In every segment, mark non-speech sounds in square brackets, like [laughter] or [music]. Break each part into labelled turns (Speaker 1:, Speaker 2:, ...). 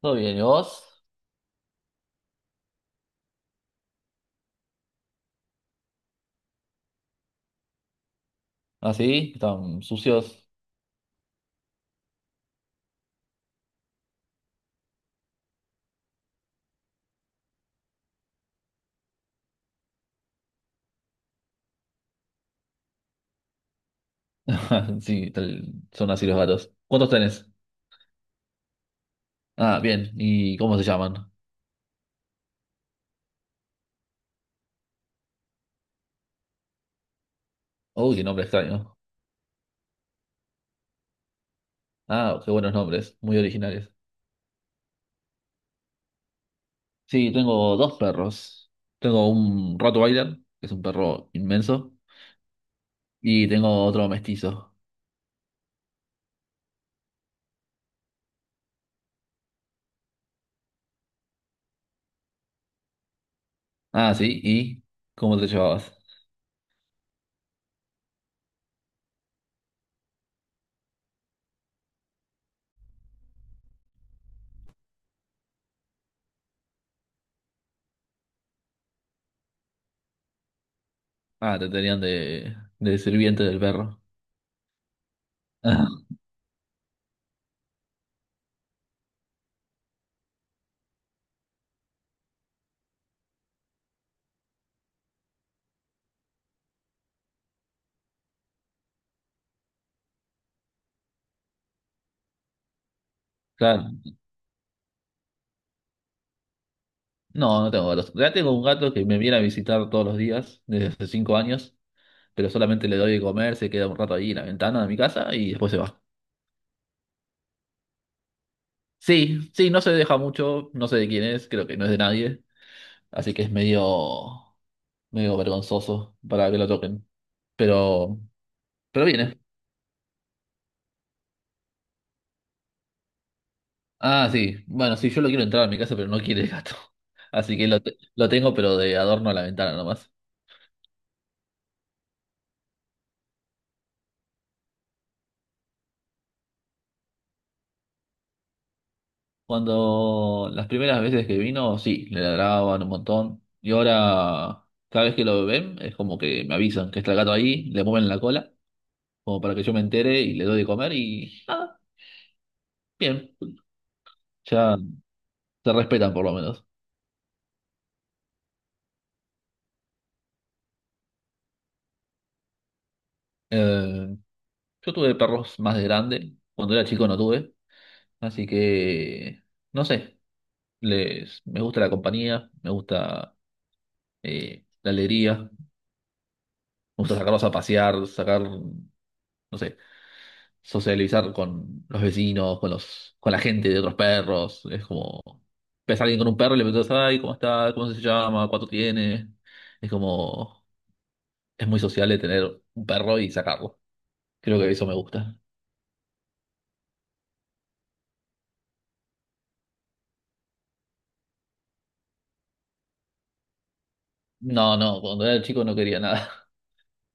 Speaker 1: Todo bien, ¿y vos? ¿Así? ¿Están sucios? [laughs] Sí, son así los gatos. ¿Cuántos tenés? Ah, bien. ¿Y cómo se llaman? Uy, qué nombre extraño. Ah, qué buenos nombres, muy originales. Sí, tengo dos perros. Tengo un Rottweiler, que es un perro inmenso, y tengo otro mestizo. Ah, sí, ¿y cómo te llevabas? Ah, te tenían de sirviente del perro. [laughs] Ah, claro. No, no tengo gatos. Ya tengo un gato que me viene a visitar todos los días, desde hace 5 años. Pero solamente le doy de comer, se queda un rato ahí en la ventana de mi casa y después se va. Sí, sí, no se deja mucho, no sé de quién es, creo que no es de nadie, así que es medio, vergonzoso para que lo toquen. Pero, pero viene. Ah, sí, bueno, sí, yo lo quiero entrar a mi casa, pero no quiere el gato. [laughs] Así que lo tengo, pero de adorno a la ventana nomás. Cuando las primeras veces que vino, sí, le ladraban un montón. Y ahora, cada vez que lo ven, es como que me avisan que está el gato ahí, le mueven la cola, como para que yo me entere y le doy de comer y bien, ya se respetan por lo menos. Eh, yo tuve perros más de grande, cuando era chico no tuve, así que no sé, me gusta la compañía, me gusta la alegría, me gusta sacarlos a pasear, no sé, socializar con los vecinos, con los, con la gente de otros perros, es como ves a alguien con un perro y le preguntas, ay, ¿cómo está? ¿Cómo se llama? ¿Cuánto tiene? Es como es muy sociable tener un perro y sacarlo. Creo que eso me gusta. No, no, cuando era chico no quería nada. [laughs]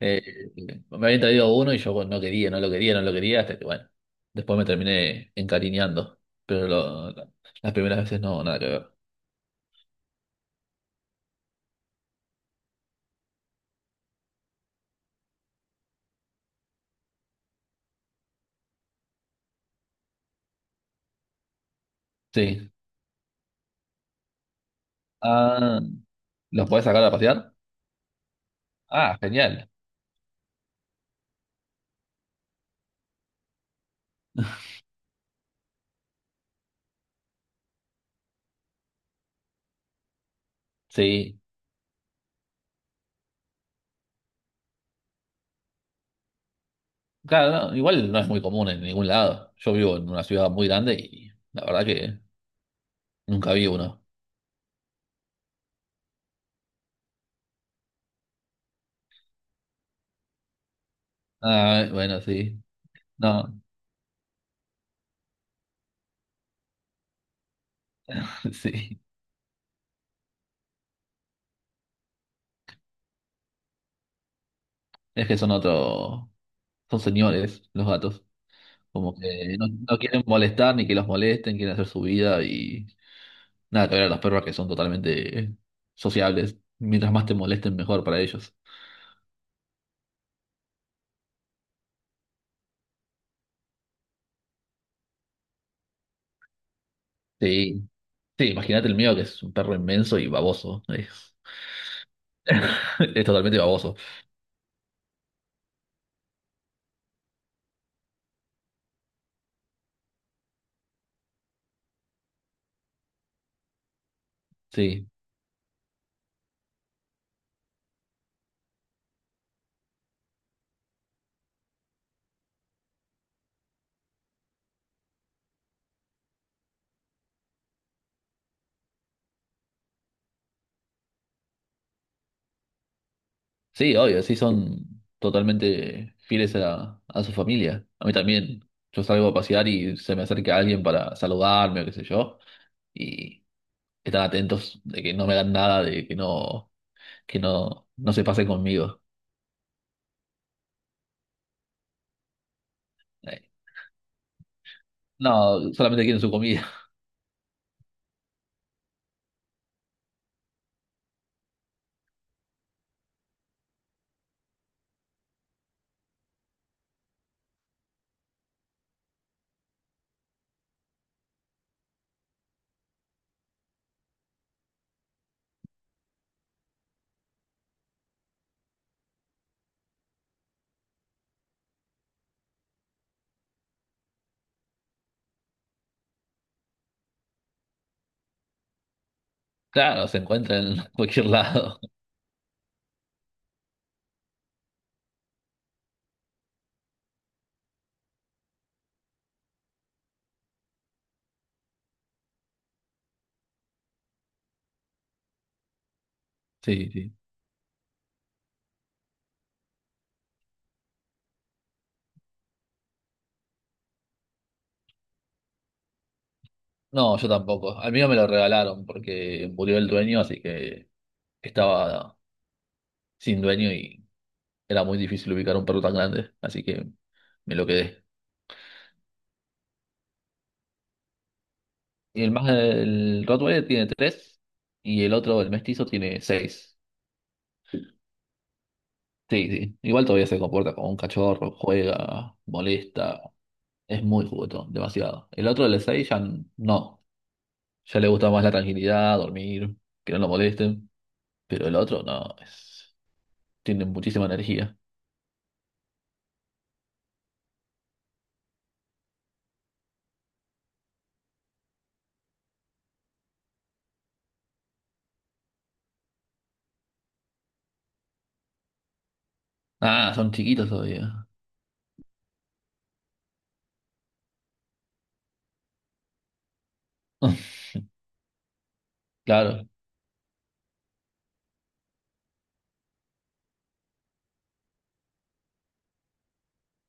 Speaker 1: Eh, Me habían traído uno y yo bueno, no quería, no lo quería, no lo quería, hasta que bueno, después me terminé encariñando. Pero las primeras veces no, nada que ver. Sí. Ah, ¿los podés sacar a pasear? Ah, genial. Sí. Claro, no, igual no es muy común en ningún lado. Yo vivo en una ciudad muy grande y la verdad que nunca vi uno. Ah, bueno, sí. No, [laughs] sí. Es que son otro. Son señores los gatos. Como que no, no quieren molestar ni que los molesten, quieren hacer su vida y nada, que ver a los perros que son totalmente sociables. Mientras más te molesten, mejor para ellos. Sí, sí, imagínate el mío que es un perro inmenso y baboso. Es, [laughs] es totalmente baboso. Sí, sí, obvio, sí son totalmente fieles a su familia. A mí también. Yo salgo a pasear y se me acerca alguien para saludarme o qué sé yo. Y están atentos de que no me hagan nada, de que no, que no, no se pase conmigo. Eh, No, solamente quieren su comida. [laughs] Claro, se encuentra en cualquier lado. [laughs] Sí, sí. No, yo tampoco. Al mío me lo regalaron porque murió el dueño, así que estaba sin dueño y era muy difícil ubicar un perro tan grande, así que me lo quedé. Y el más, el Rottweiler tiene 3 y el otro, el mestizo, tiene 6. Sí, sí. Igual todavía se comporta como un cachorro, juega, molesta. Es muy juguetón, demasiado. El otro, el de 6 ya no. Ya le gusta más la tranquilidad, dormir, que no lo molesten. Pero el otro no, es, tiene muchísima energía. Ah, son chiquitos todavía. [laughs] Claro.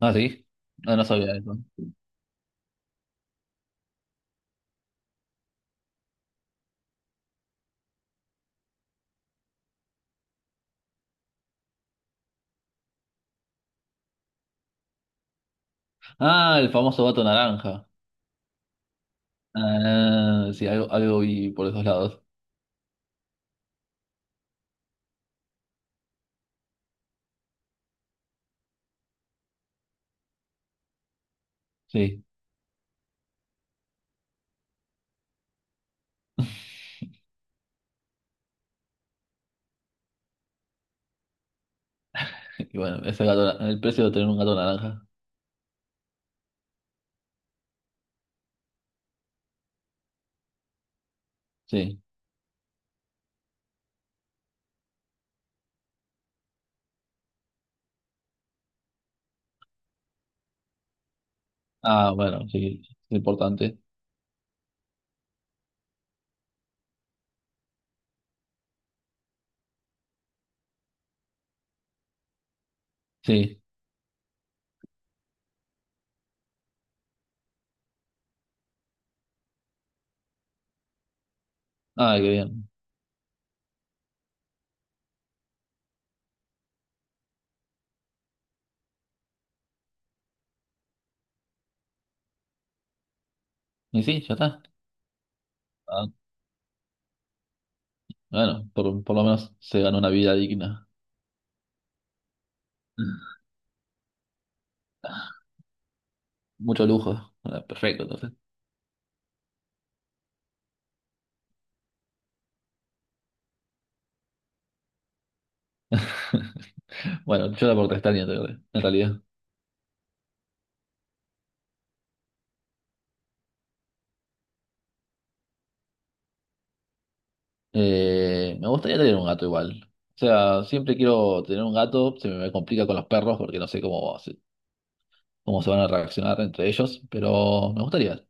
Speaker 1: Ah, sí. Ah, no sabía eso. Ah, el famoso gato naranja. Ah, sí, algo, algo vi por esos lados. Sí. Y bueno, ese gato, el precio de tener un gato naranja. Sí. Ah, bueno, sí, es importante. Sí. Ah, qué bien. Y sí, ya está. Ah, bueno, por lo menos se ganó una vida digna. Mucho lujo. Ah, perfecto, entonces. [laughs] Bueno, yo la portestaña tarde, en realidad. Me gustaría tener un gato igual. O sea, siempre quiero tener un gato, se me complica con los perros porque no sé cómo se van a reaccionar entre ellos, pero me gustaría.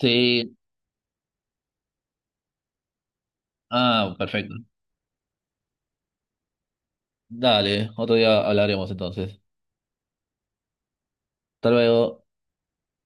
Speaker 1: Sí, ah, perfecto. Dale, otro día hablaremos entonces. Hasta luego.